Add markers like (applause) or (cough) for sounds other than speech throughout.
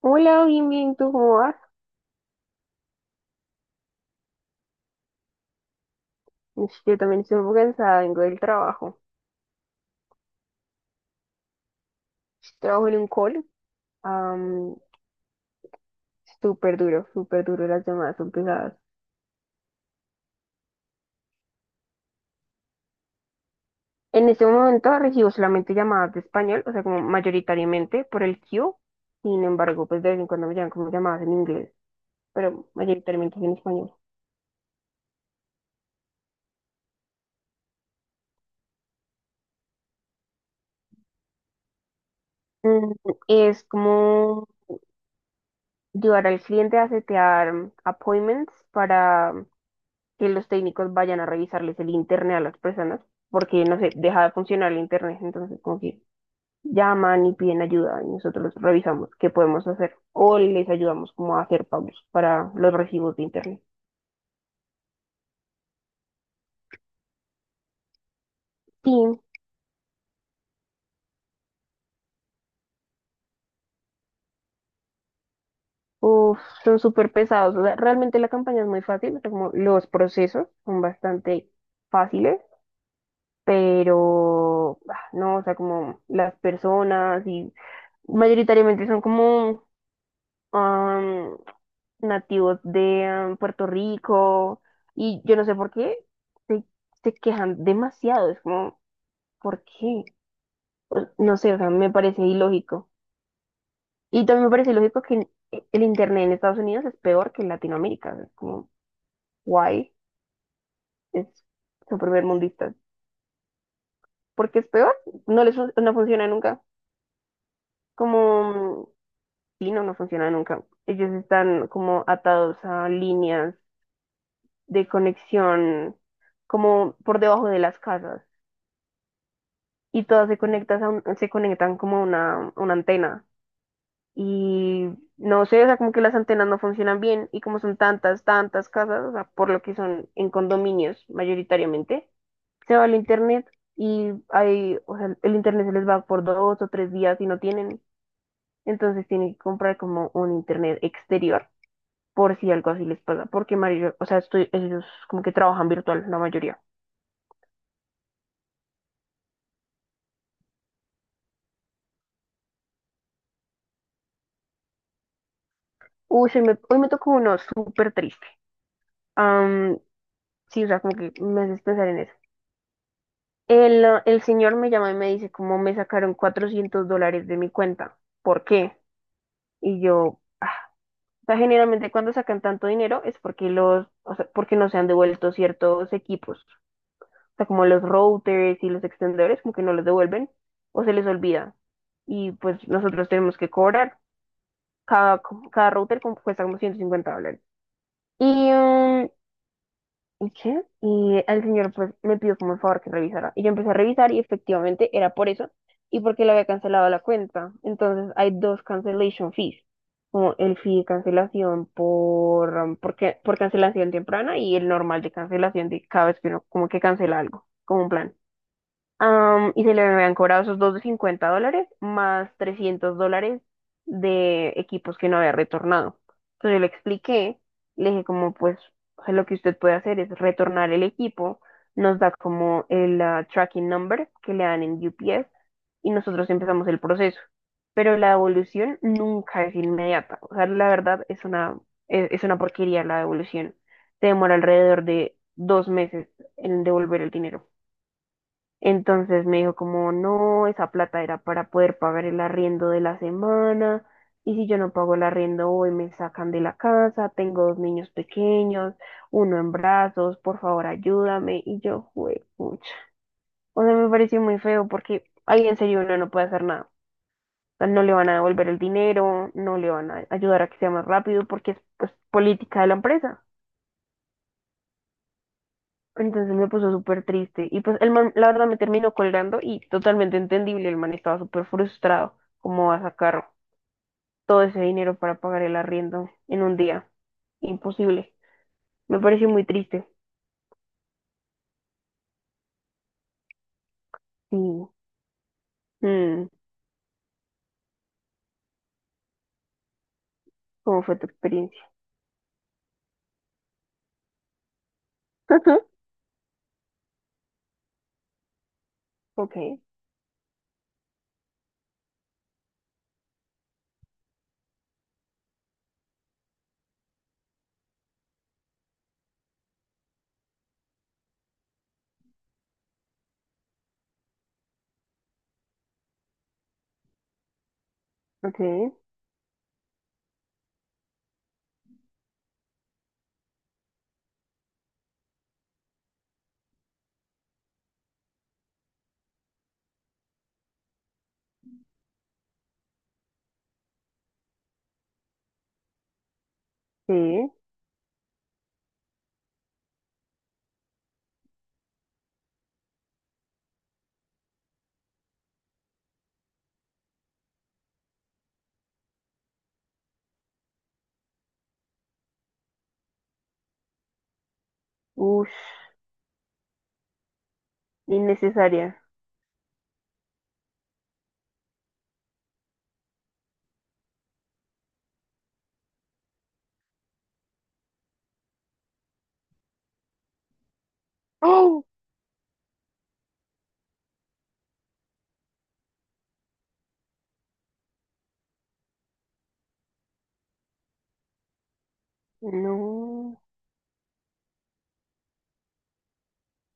Hola, bien, bien, ¿tú cómo vas? Ush, yo también estoy un poco cansada, vengo del trabajo. Trabajo en un call, am, súper duro, las llamadas son pesadas. En este momento recibo solamente llamadas de español, o sea, como mayoritariamente por el queue. Sin embargo, pues de vez en cuando me llegan como llamadas en inglés, pero mayoritariamente es en español. Mm, Es como ayudar al cliente a setear appointments para que los técnicos vayan a revisarles el internet a las personas, porque no sé, deja de funcionar el internet, entonces como que llaman y piden ayuda y nosotros los revisamos qué podemos hacer o les ayudamos como a hacer pagos para los recibos de internet. Sí, uf, son súper pesados, o sea, realmente la campaña es muy fácil, o sea, como los procesos son bastante fáciles, pero no, o sea, como las personas y mayoritariamente son como... am, nativos de Puerto Rico y yo no sé por qué se, se quejan demasiado, es como, ¿por qué? No sé, o sea, me parece ilógico. Y también me parece ilógico que el internet en Estados Unidos es peor que en Latinoamérica, o sea, es como, guay, es su primer mundista. ¿Por qué es peor? No funciona nunca. Como, sí, no, no funciona nunca. Ellos están como atados a líneas de conexión como por debajo de las casas. Y todas se conectan se conectan como a una antena. Y no sé, o sea, como que las antenas no funcionan bien y como son tantas, tantas casas, o sea, por lo que son en condominios mayoritariamente, se va el internet y hay, o sea, el internet se les va por 2 o 3 días y no tienen, entonces tienen que comprar como un internet exterior por si algo así les pasa, porque Mario, o sea, ellos como que trabajan virtual la mayoría. Uy, hoy me tocó uno súper triste. Sí, o sea, como que me haces pensar en eso. El señor me llama y me dice, ¿cómo me sacaron $400 de mi cuenta? ¿Por qué? Y yo, o sea, generalmente cuando sacan tanto dinero es porque los, o sea, porque no se han devuelto ciertos equipos. O sea, como los routers y los extendedores, como que no los devuelven o se les olvida. Y pues nosotros tenemos que cobrar. Cada, cada router cuesta como $150. Y, mm, ¿Y qué? Y al señor pues me pidió como el favor que revisara. Y yo empecé a revisar y efectivamente era por eso y porque le había cancelado la cuenta. Entonces hay dos cancellation fees, como el fee de cancelación por, um, por, ca- por cancelación temprana y el normal de cancelación de cada vez que uno como que cancela algo, como un plan. Y se le habían cobrado esos dos de $50 más $300 de equipos que no había retornado. Entonces yo le expliqué, le dije como pues o sea, lo que usted puede hacer es retornar el equipo, nos da como el tracking number que le dan en UPS y nosotros empezamos el proceso. Pero la devolución nunca es inmediata. O sea, la verdad es una porquería la devolución. Se demora alrededor de 2 meses en devolver el dinero. Entonces me dijo como, no, esa plata era para poder pagar el arriendo de la semana, y si yo no pago el arriendo hoy me sacan de la casa, tengo dos niños pequeños, uno en brazos, por favor ayúdame, y yo, juepucha. O sea, me pareció muy feo porque ahí en serio uno no puede hacer nada. O sea, no le van a devolver el dinero, no le van a ayudar a que sea más rápido porque es pues, política de la empresa. Entonces me puso súper triste. Y pues el man, la verdad, me terminó colgando y totalmente entendible. El man estaba súper frustrado. ¿Cómo va a sacar todo ese dinero para pagar el arriendo en un día? Imposible. Me pareció muy triste. Sí. Mm, ¿cómo fue tu experiencia? (laughs) Ok, ok, sí. Ush, innecesaria. ¡Oh! No.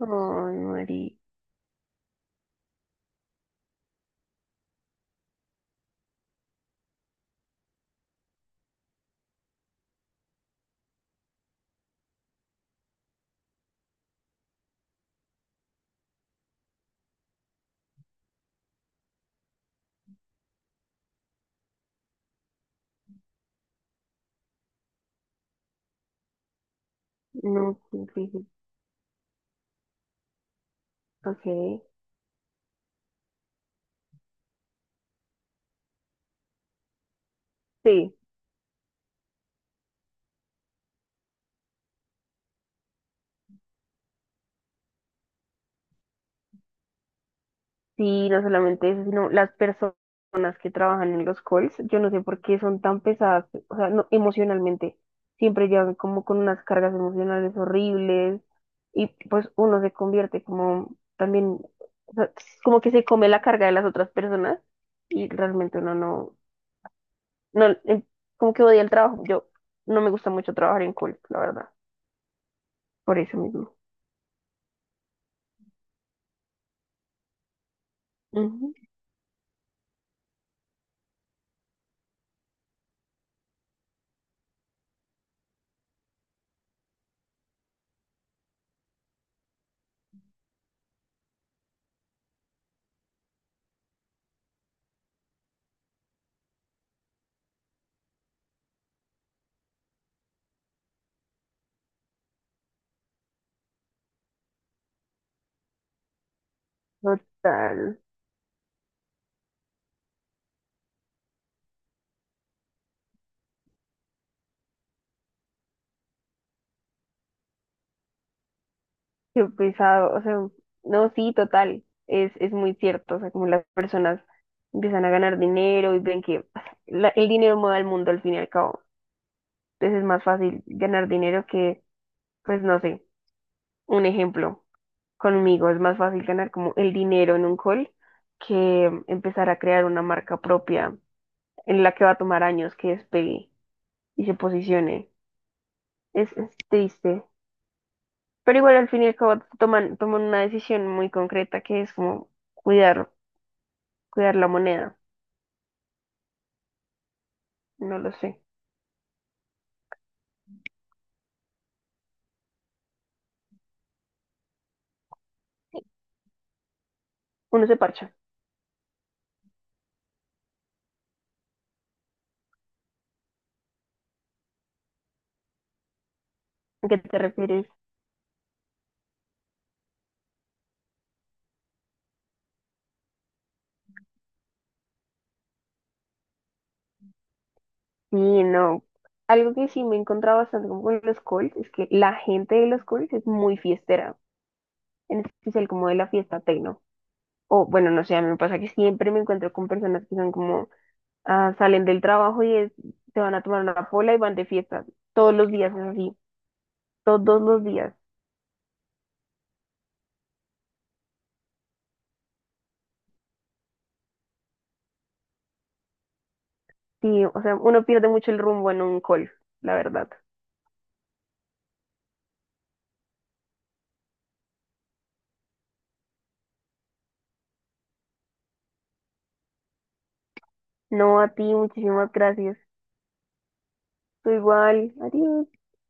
Ay, Mari. No, qué difícil. Ok. Sí. Sí, no solamente eso, sino las personas que trabajan en los calls, yo no sé por qué son tan pesadas, o sea, no, emocionalmente, siempre llegan como con unas cargas emocionales horribles y pues uno se convierte como también, o sea, como que se come la carga de las otras personas y realmente uno no, no, como que odia el trabajo, yo no me gusta mucho trabajar en calls, la verdad, por eso mismo. Ujú. Total. Qué pesado, o sea, no, sí, total, es muy cierto, o sea, como las personas empiezan a ganar dinero y ven que o sea, el dinero mueve al mundo al fin y al cabo, entonces es más fácil ganar dinero que, pues no sé, un ejemplo, conmigo es más fácil ganar como el dinero en un call que empezar a crear una marca propia en la que va a tomar años que despegue y se posicione, es triste, pero igual al fin y al cabo toman una decisión muy concreta que es como cuidar Cuidar la moneda, no lo sé. Uno se parcha. ¿A qué te refieres? Sí, no. Algo que sí me he encontrado bastante como con los calls es que la gente de los calls es muy fiestera, en especial como de la fiesta tecno. O bueno, no sé, a mí me pasa que siempre me encuentro con personas que son como, ah, salen del trabajo se van a tomar una pola y van de fiesta. Todos los días es así, todos los días. Sí, o sea, uno pierde mucho el rumbo en un call, la verdad. No, a ti, muchísimas gracias. Tú igual, adiós.